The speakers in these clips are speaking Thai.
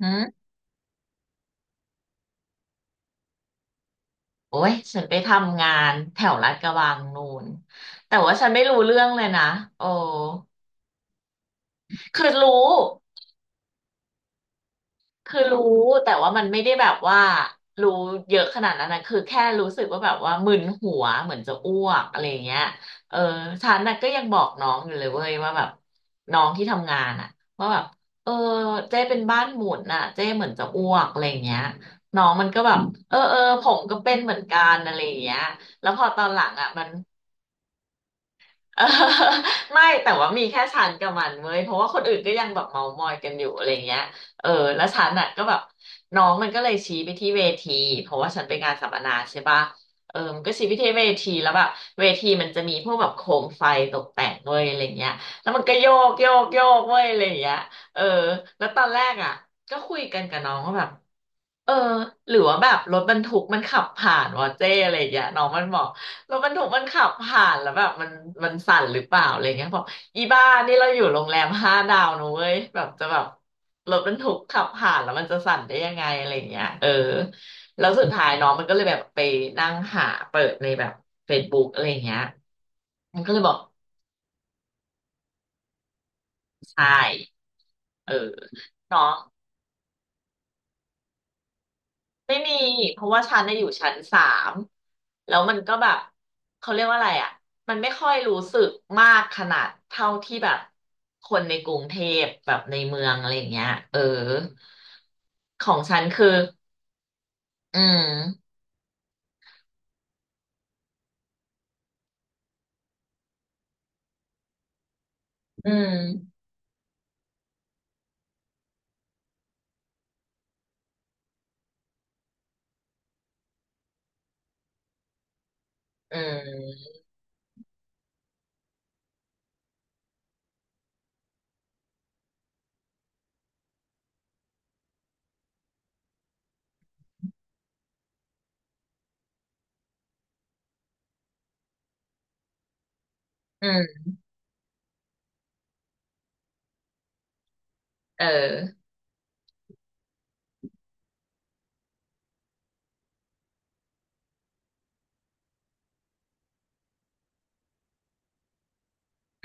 หืมโอ้ยฉันไปทำงานแถวลาดกระบังนู่นแต่ว่าฉันไม่รู้เรื่องเลยนะโอ้คือรู้ คือรู้ แต่ว่ามันไม่ได้แบบว่ารู้เยอะขนาดนั้นนะคือแค่รู้สึกว่าแบบว่ามึนหัวเหมือนจะอ้วกอะไรอย่างเงี้ย เออ ฉันน่ะก็ยังบอกน้องอยู่เลยเว้ยว่าแบบน้องที่ทำงานอ่ะ ว่าแบบเออเจ๊เป็นบ้านหมุนน่ะเจ๊เหมือนจะอ้วกอะไรอย่างเงี้ยน้องมันก็แบบเออเออผมก็เป็นเหมือนกันอะไรอย่างเงี้ยแล้วพอตอนหลังอ่ะมัน เออไม่แต่ว่ามีแค่ฉันกับมันเว้ยเพราะว่าคนอื่นก็ยังแบบเมามอยกันอยู่อะไรเงี้ยเออแล้วฉันน่ะก็แบบน้องมันก็เลยชี้ไปที่เวทีเพราะว่าฉันไปงานสัมมนาใช่ปะเออมันก็ชี้ไปที่เวทีแล้วแบบเวทีมันจะมีพวกแบบโคมไฟตกแต่งเว้ยอะไรเงี้ยแล้วมันก็โยกโยกโยกเว้ยอะไรเงี้ยเออแล้วตอนแรกอ่ะก็คุยกันกับน้องว่าแบบ เออหรือว่าแบบรถบรรทุกมันขับผ่านวะเจ้อะไรอย่างเงี้ยน้องมันบอกรถบรรทุกมันขับผ่านแล้วแบบมันสั่นหรือเปล่าอะไรเงี้ยบอกอีบ้านี่เราอยู่โรงแรม5 ดาวนะเว้ยแบบจะแบบรถบรรทุกขับผ่านแล้วมันจะสั่นได้ยังไงอะไรเงี้ยเออแล้วสุดท้ายน้องมันก็เลยแบบไปนั่งหาเปิดในแบบ Facebook อะไรเงี้ยมันก็เลยบอกใช่เออน้อง ไม่มีเพราะว่าชั้นน่ะอยู่ชั้นสามแล้วมันก็แบบเขาเรียกว่าอะไรอ่ะมันไม่ค่อยรู้สึกมากขนาดเท่าที่แบบคนในกรุงเทพแบบในเมืองอะไรอย่างเงี้ยเออของฉันคืออืมอืมอืมอืมเออ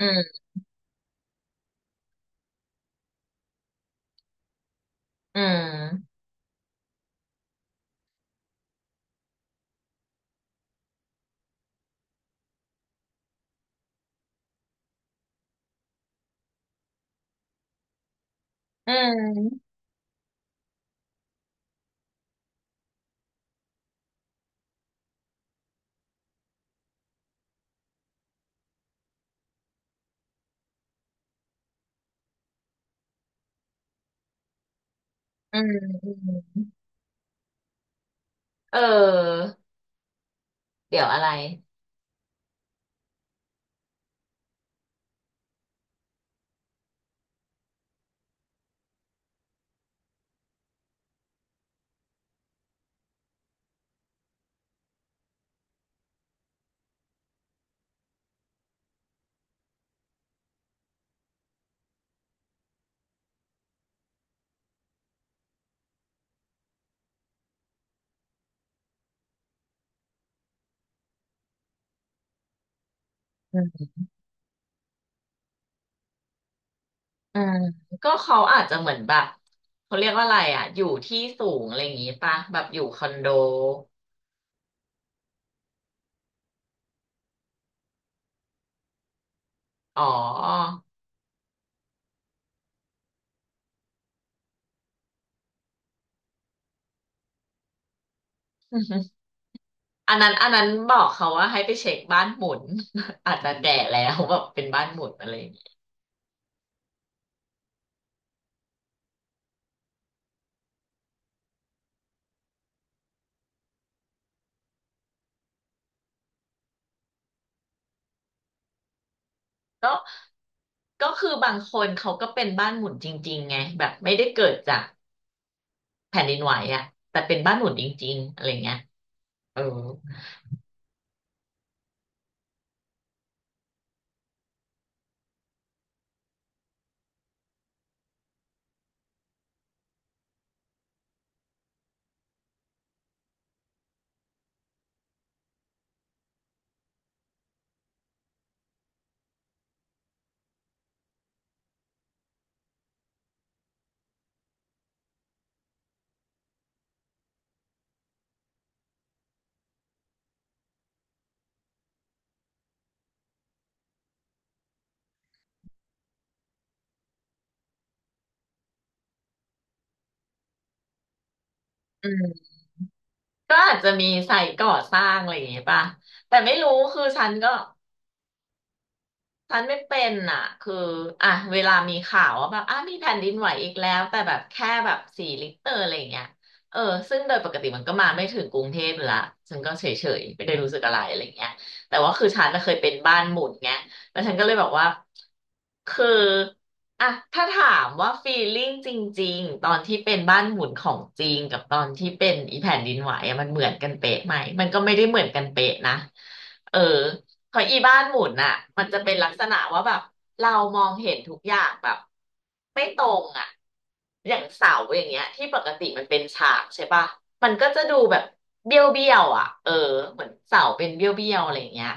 อืมอืมอืมอืมอืมเออเดี๋ยวอะไร อืมก็เขาอาจจะเหมือนแบบเขาเรียกว่าอะไรอ่ะอยู่ที่สูงอะไรอย่างงี้ปะแบบอยู่คอนโดอ๋อ อันนั้นอันนั้นบอกเขาว่าให้ไปเช็คบ้านหมุน อาจจะแก่แล้วแบบเป็นบ้านหมุนอะไรอย่างงี้ก็ก็คือบางคนเขาก็เป็นบ้านหมุนจริงๆไงแบบไม่ได้เกิดจากแผ่นดินไหวอ่ะแต่เป็นบ้านหมุนจริงๆอะไรเงี้ยเอออืมก็อาจจะมีไซต์ก่อสร้างอะไรอย่างเงี้ยป่ะแต่ไม่รู้คือฉันก็ ฉันไม่เป็นอ่ะคืออ่ะเวลามีข่าวว่าแบบอ่ะมีแผ่นดินไหวอีกแล้วแต่แบบแค่แบบ4 ลิกเตอร์อะไรอย่างเงี้ยเออ ซึ่งโดยปกติมันก็มาไม่ถึงกรุงเทพอยู่ละฉันก็เฉยๆไม่ได้รู้สึกอะไรอะไรอย่างเงี้ยแต่ว่าคือฉันน่ะเคยเป็นบ้านหมุนไงแล้วฉันก็เลยบอกว่า คืออ่ะ ถ้าถามว่าฟีลลิ่งจริงๆตอนที่เป็นบ้านหมุนของจริงกับตอนที่เป็นอีแผ่นดินไหวอะมันเหมือนกันเป๊ะไหมมันก็ไม่ได้เหมือนกันเป๊ะนะเออ ของอีบ้านหมุนอ่ะมันจะเป็นลักษณะว่าแบบเรามองเห็นทุกอย่างแบบไม่ตรงอ่ะอย่างเสาอย่างเงี้ยที่ปกติมันเป็นฉากใช่ปะมันก็จะดูแบบเบี้ยวเบี้ยวอ่ะเออเหมือนเสาเป็นเบี้ยวเบี้ยวอะไรอย่างเงี้ย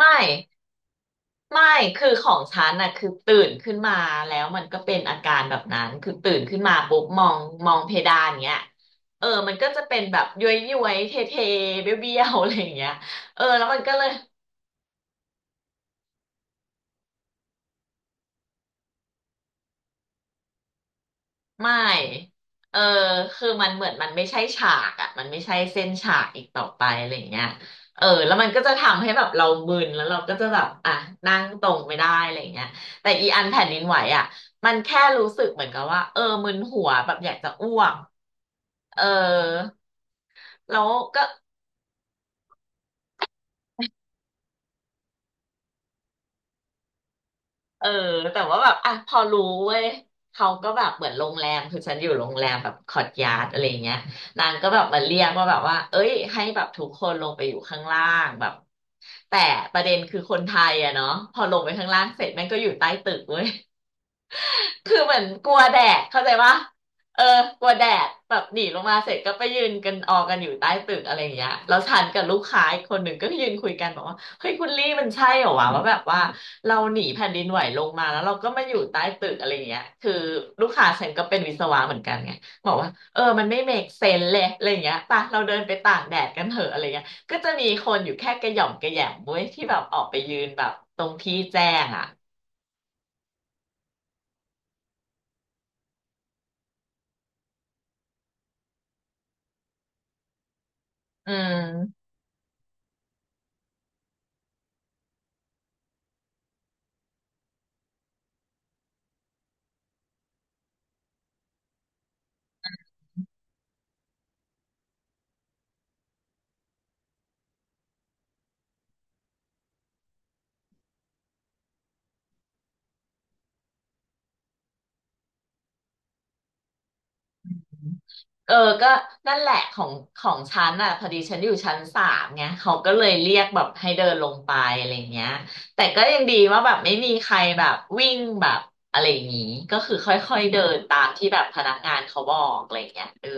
ไม่ไม่คือของฉันน่ะคือตื่นขึ้นมาแล้วมันก็เป็นอาการแบบนั้นคือตื่นขึ้นมาปุ๊บมองเพดานเงี้ยเออมันก็จะเป็นแบบย้วยย้วยเทเทเบี้ยวเบี้ยวๆอะไรอย่างเงี้ยเออแล้วมันก็เลย ไม่ เออ คือมันเหมือนมันไม่ใช่ฉากอะมันไม่ใช่เส้นฉากอีกต่อไปอะไรอย่างเงี้ยเออแล้วมันก็จะทำให้แบบเรามึนแล้วเราก็จะแบบอ่ะนั่งตรงไม่ได้อะไรอย่างเงี้ยแต่อีอันแผ่นดินไหวอะมันแค่รู้สึกเหมือนกับว่า เออมึนหัวแบบอยากจะอ้วกเออแล้วก็ เออแต่ว่าแบบอ่ะพอรู้เว้ยเขาก็แบบเหมือนโรงแรมคือฉันอยู่โรงแรมแบบคอร์ทยาร์ดอะไรเงี้ยนางก็แบบมาเรียกว่าแบบว่าเอ้ยให้แบบทุกคนลงไปอยู่ข้างล่างแบบแต่ประเด็นคือคนไทยอะเนาะพอลงไปข้างล่างเสร็จแม่งก็อยู่ใต้ตึกเว้ย คือเหมือนกลัวแดดเข้าใจปะเออกลัวแดดแบบหนีลงมาเสร็จก็ไปยืนกันออกันอยู่ใต้ตึกอะไรอย่างเงี้ยแล้วฉันกับลูกค้าอีกคนหนึ่งก็ยืนคุยกันบอกว่าเฮ้ยคุณลี่มันใช่เหรอวะว่าแบบว่าเราหนีแผ่นดินไหวลงมาแล้วเราก็มาอยู่ใต้ตึกอะไรอย่างเงี้ยคือลูกค้าฉันก็เป็นวิศวะเหมือนกันไงบอกว่าเออมันไม่เมคเซนเลยอะไรอย่างเงี้ยป่ะเราเดินไปตากแดดกันเถอะอะไรเงี้ยก็จะมีคนอยู่แค่กระหย่อมกระแหยมเว้ยที่แบบออกไปยืนแบบตรงที่แจ้งอ่ะอืม เออก็นั่นแหละของฉันอ่ะพอดีฉันอยู่ชั้นสามไงเขาก็เลยเรียกแบบให้เดินลงไปอะไรเงี้ยแต่ก็ยังดีว่าแบบไม่มีใครแบบวิ่งแบบอะไรอย่างงี้ก็คือค่อยๆเดินตามที่แบบพนักงานเขาบอกอะไรเงี้ยเออ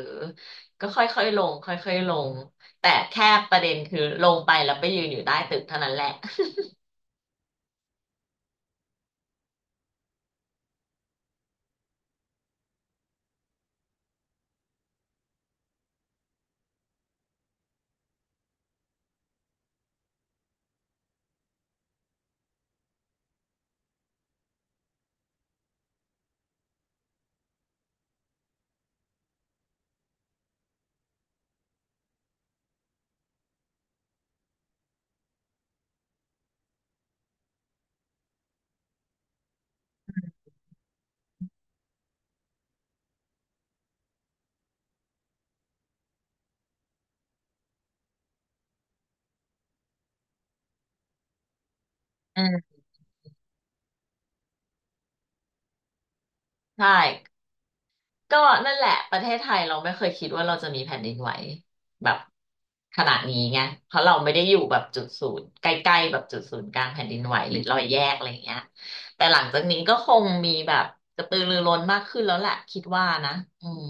ก็ค่อยๆลงค่อยๆลงแต่แค่ประเด็นคือลงไปแล้วไปยืนอยู่ใต้ตึกเท่านั้นแหละอืมใช่ ก็นั่นแหละประเทศไทยเราไม่เคยคิดว่าเราจะมีแผ่นดินไหวแบบขนาดนี้ไงเพราะเราไม่ได้อยู่แบบจุดศูนย์ใกล้ๆแบบจุดศูนย์กลางแผ่นดินไหวหรือรอยแยกอะไรเงี้ยแต่หลังจากนี้ก็คงมีแบบกระตือรือร้นมากขึ้นแล้วแหละคิดว่านะอืม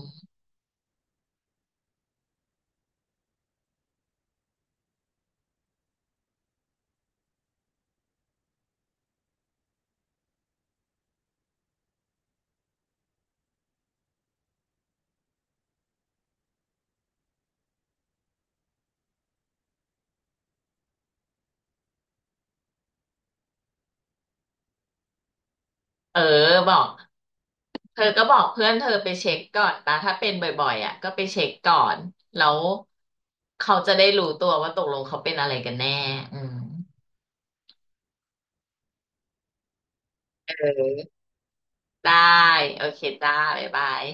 เออบอกเธอก็บอกเพื่อนเธอไปเช็คก่อนปะถ้าเป็นบ่อยๆอ่ะก็ไปเช็คก่อนแล้วเขาจะได้รู้ตัวว่าตกลงเขาเป็นอะไรกันแน่อืมเออได้โอเคจ้าบ๊ายบาย